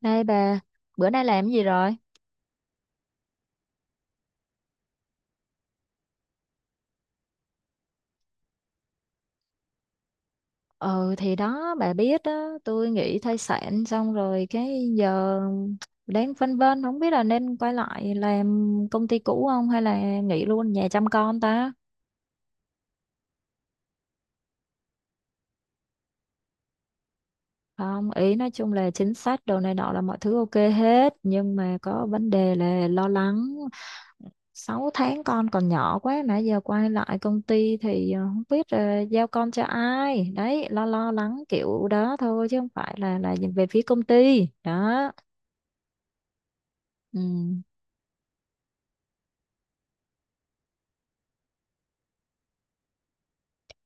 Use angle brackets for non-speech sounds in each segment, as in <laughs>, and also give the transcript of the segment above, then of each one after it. Đây bà, bữa nay làm cái gì rồi? Ừ thì đó, bà biết đó, tôi nghỉ thai sản xong rồi cái giờ đang phân vân không biết là nên quay lại làm công ty cũ không hay là nghỉ luôn nhà chăm con ta? Không, ý nói chung là chính sách đồ này nọ là mọi thứ ok hết nhưng mà có vấn đề là lo lắng 6 tháng con còn nhỏ quá mà giờ quay lại công ty thì không biết giao con cho ai. Đấy, lo lo lắng kiểu đó thôi chứ không phải là nhìn về phía công ty. Đó. Ừ.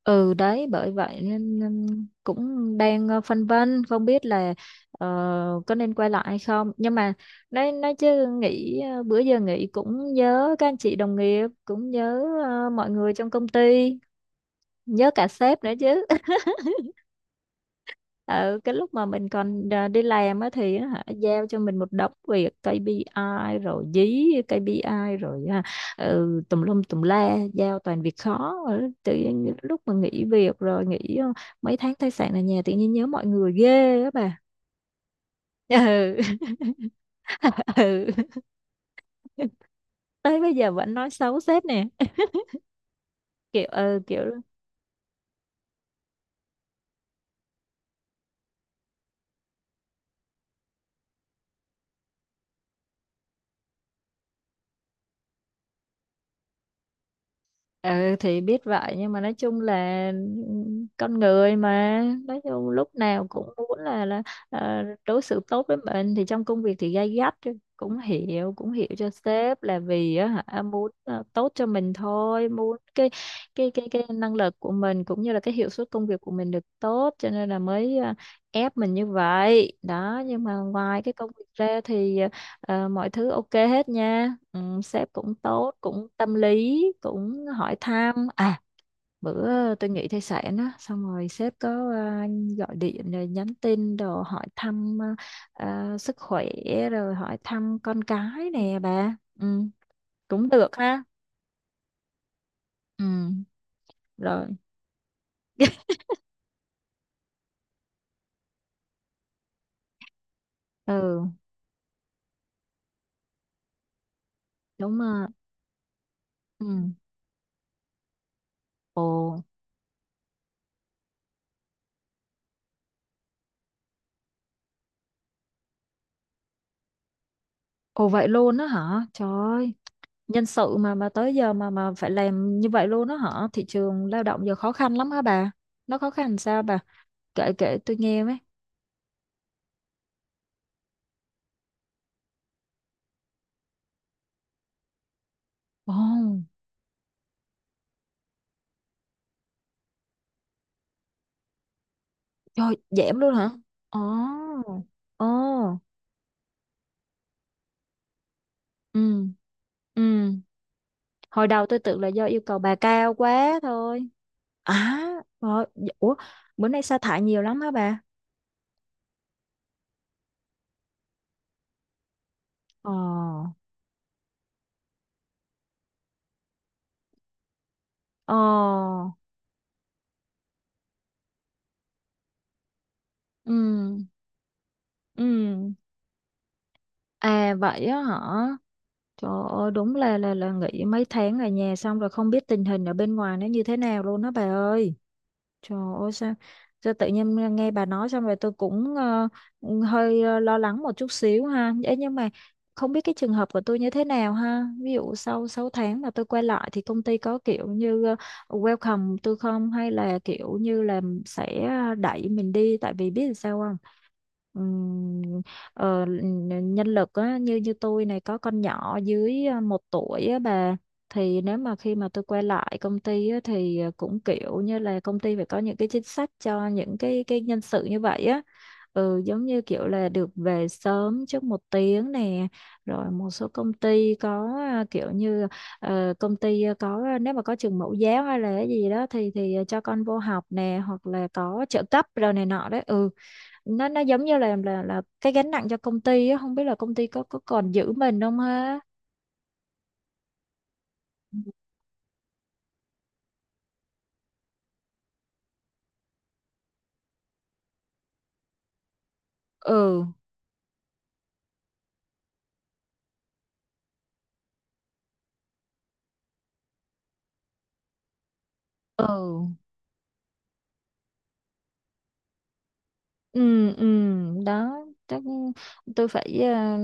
Ừ đấy, bởi vậy nên nên cũng đang phân vân không biết là ờ, có nên quay lại hay không. Nhưng mà nói chứ nghĩ bữa giờ nghĩ cũng nhớ các anh chị đồng nghiệp, cũng nhớ mọi người trong công ty, nhớ cả sếp nữa chứ. Ừ, cái lúc mà mình còn đi làm á thì á hả, giao cho mình một đống việc KPI rồi dí KPI rồi ừ, tùm lum tùm la giao toàn việc khó. Rồi tự nhiên những lúc mà nghỉ việc rồi nghỉ mấy tháng thai sản ở nhà tự nhiên nhớ mọi người ghê á bà. Ừ. <laughs> Ừ. Tới bây giờ vẫn nói xấu sếp nè, kiểu ừ, kiểu. Ừ thì biết vậy nhưng mà nói chung là ừ, con người mà nói chung lúc nào cũng muốn là đối xử tốt với mình thì trong công việc thì gay gắt chứ. Cũng hiểu, cho sếp là vì á hả muốn tốt cho mình thôi, muốn cái năng lực của mình cũng như là cái hiệu suất công việc của mình được tốt cho nên là mới ép mình như vậy đó nhưng mà ngoài cái công việc ra thì ờ, Ờ, mọi thứ ok hết nha. Ừ, sếp cũng tốt, cũng tâm lý, cũng hỏi thăm. À, bữa tôi nghỉ thai sản á, xong rồi sếp có gọi điện rồi nhắn tin đồ hỏi thăm sức khỏe rồi hỏi thăm con cái nè bà. Ừ, cũng được ha. Ừ, rồi. <laughs> Ừ, đúng rồi. Ừ. Ồ, ồ vậy luôn á hả? Trời ơi. Nhân sự mà tới giờ mà phải làm như vậy luôn đó hả? Thị trường lao động giờ khó khăn lắm hả bà? Nó khó khăn sao bà? Kể kể tôi nghe với. Ồ, trời, giảm luôn hả? Ồ, ồ, ừ, ừ. Hồi đầu tôi tưởng là do yêu cầu bà cao quá thôi. À, rồi, dạ, ủa, bữa nay sa thải nhiều lắm hả bà? Ồ, ồ, ừ, ừ. À vậy á hả? Trời ơi, đúng là nghỉ mấy tháng ở nhà xong rồi không biết tình hình ở bên ngoài nó như thế nào luôn đó bà ơi. Trời ơi sao, sao tự nhiên nghe bà nói xong rồi tôi cũng hơi lo lắng một chút xíu ha. Ấy nhưng mà không biết cái trường hợp của tôi như thế nào ha. Ví dụ sau 6 tháng mà tôi quay lại thì công ty có kiểu như welcome tôi không hay là kiểu như là sẽ đẩy mình đi tại vì biết sao không? Ừm, nhân lực á, như như tôi này có con nhỏ dưới 1 tuổi á bà thì nếu mà khi mà tôi quay lại công ty á, thì cũng kiểu như là công ty phải có những cái chính sách cho những cái nhân sự như vậy á. Ừ, giống như kiểu là được về sớm trước 1 tiếng nè rồi một số công ty có kiểu như có nếu mà có trường mẫu giáo hay là cái gì đó thì thì cho con vô học nè hoặc là có trợ cấp rồi này nọ đấy. Ừ, nó giống như là cái gánh nặng cho công ty á không biết là công ty có còn giữ mình không ha. Ừ ừ Ừ, ừ, đó chắc tôi phải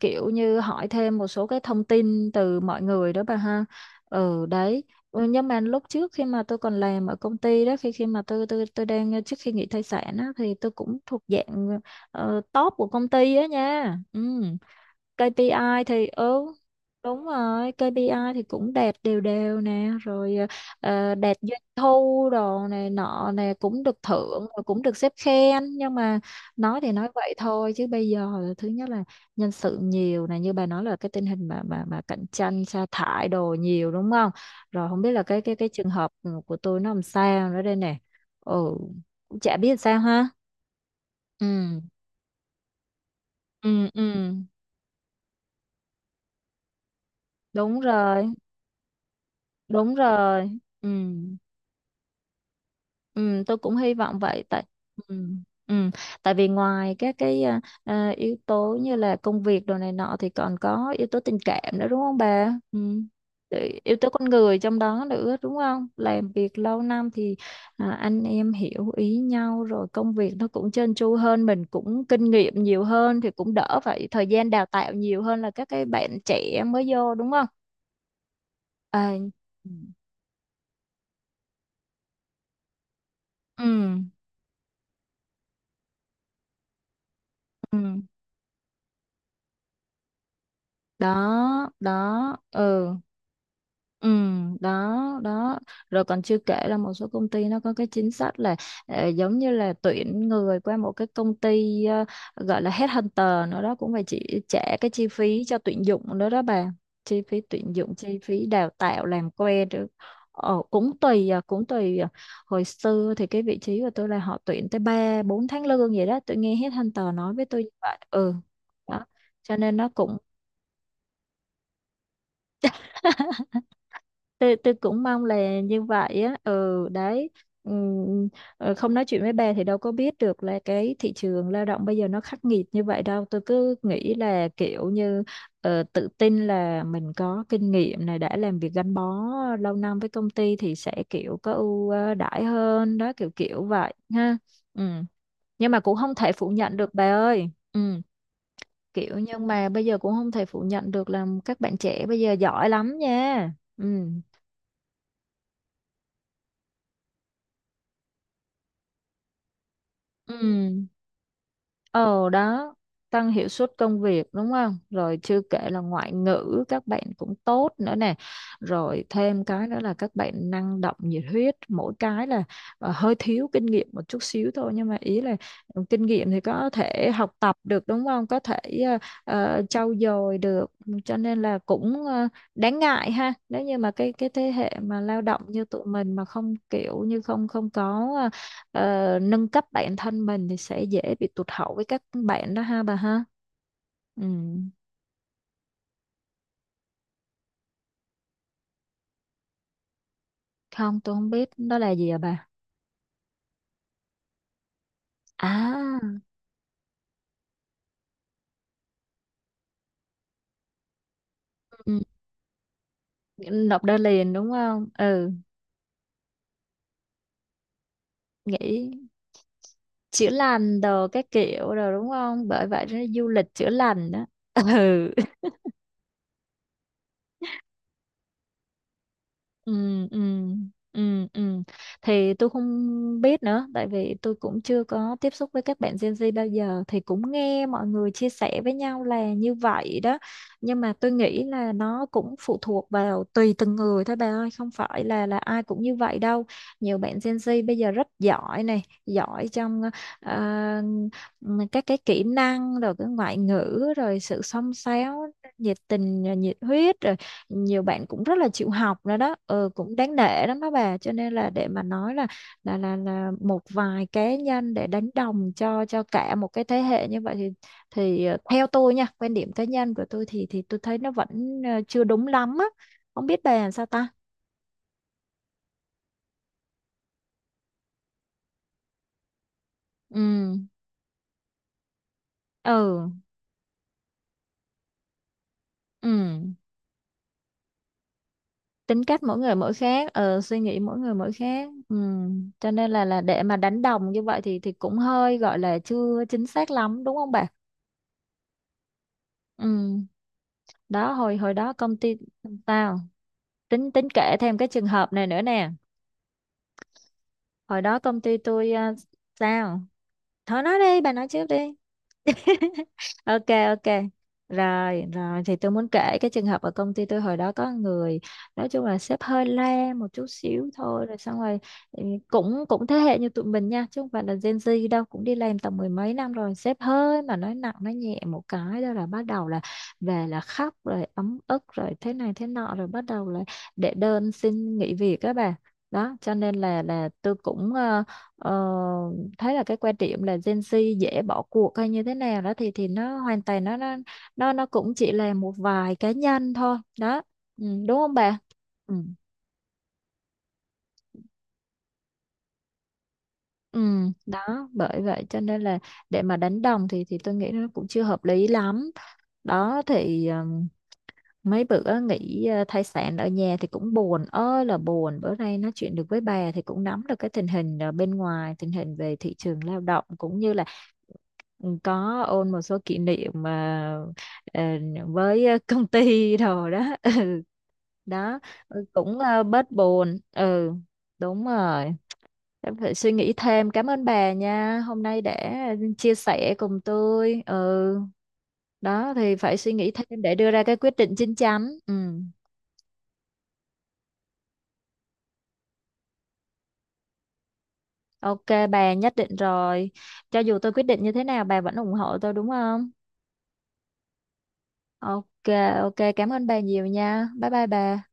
kiểu như hỏi thêm một số cái thông tin từ mọi người đó bà ha. Ừ đấy. Ừ, nhưng mà lúc trước khi mà tôi còn làm ở công ty đó, khi khi mà tôi đang trước khi nghỉ thai sản á, thì tôi cũng thuộc dạng top của công ty á nha. Ừ, KPI thì ừ, đúng rồi, KPI thì cũng đạt đều đều nè rồi đạt doanh thu đồ này nọ nè cũng được thưởng rồi cũng được sếp khen nhưng mà nói thì nói vậy thôi chứ bây giờ là thứ nhất là nhân sự nhiều này, như bà nói là cái tình hình mà cạnh tranh sa thải đồ nhiều đúng không? Rồi không biết là cái trường hợp của tôi nó làm sao nữa đây nè. Ừ cũng chả biết sao ha. Ừ ừ ừ đúng rồi, đúng rồi ừ. Ừ, tôi cũng hy vọng vậy tại ừ, ừ, tại vì ngoài các cái yếu tố như là công việc đồ này nọ thì còn có yếu tố tình cảm nữa đúng không bà? Ừ. Rồi yếu tố con người trong đó nữa đúng không? Làm việc lâu năm thì anh em hiểu ý nhau rồi công việc nó cũng trơn tru hơn, mình cũng kinh nghiệm nhiều hơn thì cũng đỡ phải thời gian đào tạo nhiều hơn là các cái bạn trẻ mới vô đúng không? À, ừ. Ừ. Ừ. Đó, đó, ừ Ừ, đó đó. Rồi còn chưa kể là một số công ty nó có cái chính sách là giống như là tuyển người qua một cái công ty gọi là headhunter nữa đó cũng phải chỉ trả cái chi phí cho tuyển dụng nữa đó bà. Chi phí tuyển dụng, chi phí đào tạo làm quen rồi cũng tùy à, cũng tùy à. Hồi xưa thì cái vị trí của tôi là họ tuyển tới 3 4 tháng lương vậy đó, tôi nghe headhunter nói với tôi như vậy. Ừ đó cho nên nó cũng <laughs> tôi cũng mong là như vậy á ừ đấy. Ừm, không nói chuyện với bà thì đâu có biết được là cái thị trường lao động bây giờ nó khắc nghiệt như vậy đâu, tôi cứ nghĩ là kiểu như tự tin là mình có kinh nghiệm này, đã làm việc gắn bó lâu năm với công ty thì sẽ kiểu có ưu đãi hơn đó kiểu kiểu vậy ha. Ừ. Nhưng mà cũng không thể phủ nhận được bà ơi. Ừ. Kiểu nhưng mà bây giờ cũng không thể phủ nhận được là các bạn trẻ bây giờ giỏi lắm nha. Ừ Ừ, Ờ đó, tăng hiệu suất công việc đúng không? Rồi chưa kể là ngoại ngữ các bạn cũng tốt nữa nè. Rồi thêm cái nữa là các bạn năng động, nhiệt huyết, mỗi cái là hơi thiếu kinh nghiệm một chút xíu thôi nhưng mà ý là ừ, kinh nghiệm thì có thể học tập được đúng không? Có thể ờ, trau dồi được cho nên là cũng đáng ngại ha. Nếu như mà cái thế hệ mà lao động như tụi mình mà không kiểu như không không có nâng cấp bản thân mình thì sẽ dễ bị tụt hậu với các bạn đó ha bà ha. Ừ. Không, tôi không biết đó là gì à bà. À ừ. Nộp đơn liền đúng không? Ừ. Nghĩ chữa lành đồ các kiểu rồi đúng không, bởi vậy nó du lịch chữa lành đó. <laughs> Ừ ừ ừ ừ ừ. Thì tôi không biết nữa, tại vì tôi cũng chưa có tiếp xúc với các bạn Gen Z bao giờ thì cũng nghe mọi người chia sẻ với nhau là như vậy đó. Nhưng mà tôi nghĩ là nó cũng phụ thuộc vào tùy từng người thôi bà ơi, không phải là ai cũng như vậy đâu. Nhiều bạn Gen Z bây giờ rất giỏi này, giỏi trong ờ, các cái kỹ năng rồi cái ngoại ngữ rồi sự xông xáo, nhiệt tình, nhiệt huyết rồi nhiều bạn cũng rất là chịu học nữa đó ừ, cũng đáng nể lắm đó bà. Cho nên là để mà nói là một vài cá nhân để đánh đồng cho cả một cái thế hệ như vậy thì thì theo tôi nha, quan điểm cá nhân của tôi thì tôi thấy nó vẫn chưa đúng lắm á. Không biết bà làm sao ta. Ừ ừ ừ. Tính cách mỗi người mỗi khác, suy nghĩ mỗi người mỗi khác. Ừ. Cho nên là để mà đánh đồng như vậy thì cũng hơi gọi là chưa chính xác lắm đúng không bà? Ừ. Đó hồi hồi đó công ty tao tính tính kể thêm cái trường hợp này nữa nè. Hồi đó công ty tôi sao thôi nói đi, bà nói trước đi. <laughs> Ok ok rồi rồi. Thì tôi muốn kể cái trường hợp ở công ty tôi hồi đó có người, nói chung là sếp hơi le một chút xíu thôi rồi xong rồi ừ, cũng cũng thế hệ như tụi mình nha chứ không phải là Gen Z đâu, cũng đi làm tầm mười mấy năm rồi, sếp hơi mà nói nặng nói nhẹ một cái đó là bắt đầu là về là khóc rồi ấm ức rồi thế này thế nọ rồi bắt đầu là đệ đơn xin nghỉ việc các bà. Đó cho nên là tôi cũng ờ, thấy là cái quan điểm là Gen Z dễ bỏ cuộc hay như thế nào đó thì nó hoàn toàn nó cũng chỉ là một vài cá nhân thôi đó. Ừ, đúng không bà? Ừ. Ừ, đó bởi vậy cho nên là để mà đánh đồng thì tôi nghĩ nó cũng chưa hợp lý lắm đó thì mấy bữa nghỉ thai sản ở nhà thì cũng buồn ơi là buồn, bữa nay nói chuyện được với bà thì cũng nắm được cái tình hình bên ngoài, tình hình về thị trường lao động cũng như là có ôn một số kỷ niệm mà ờ, với công ty đồ đó. <laughs> Đó ừ, cũng bớt buồn ừ đúng rồi. Em phải suy nghĩ thêm, cảm ơn bà nha, hôm nay đã chia sẻ cùng tôi ừ đó thì phải suy nghĩ thêm để đưa ra cái quyết định chín chắn ừ ok. Bà nhất định rồi, cho dù tôi quyết định như thế nào bà vẫn ủng hộ tôi đúng không? Ok ok, cảm ơn bà nhiều nha, bye bye bà.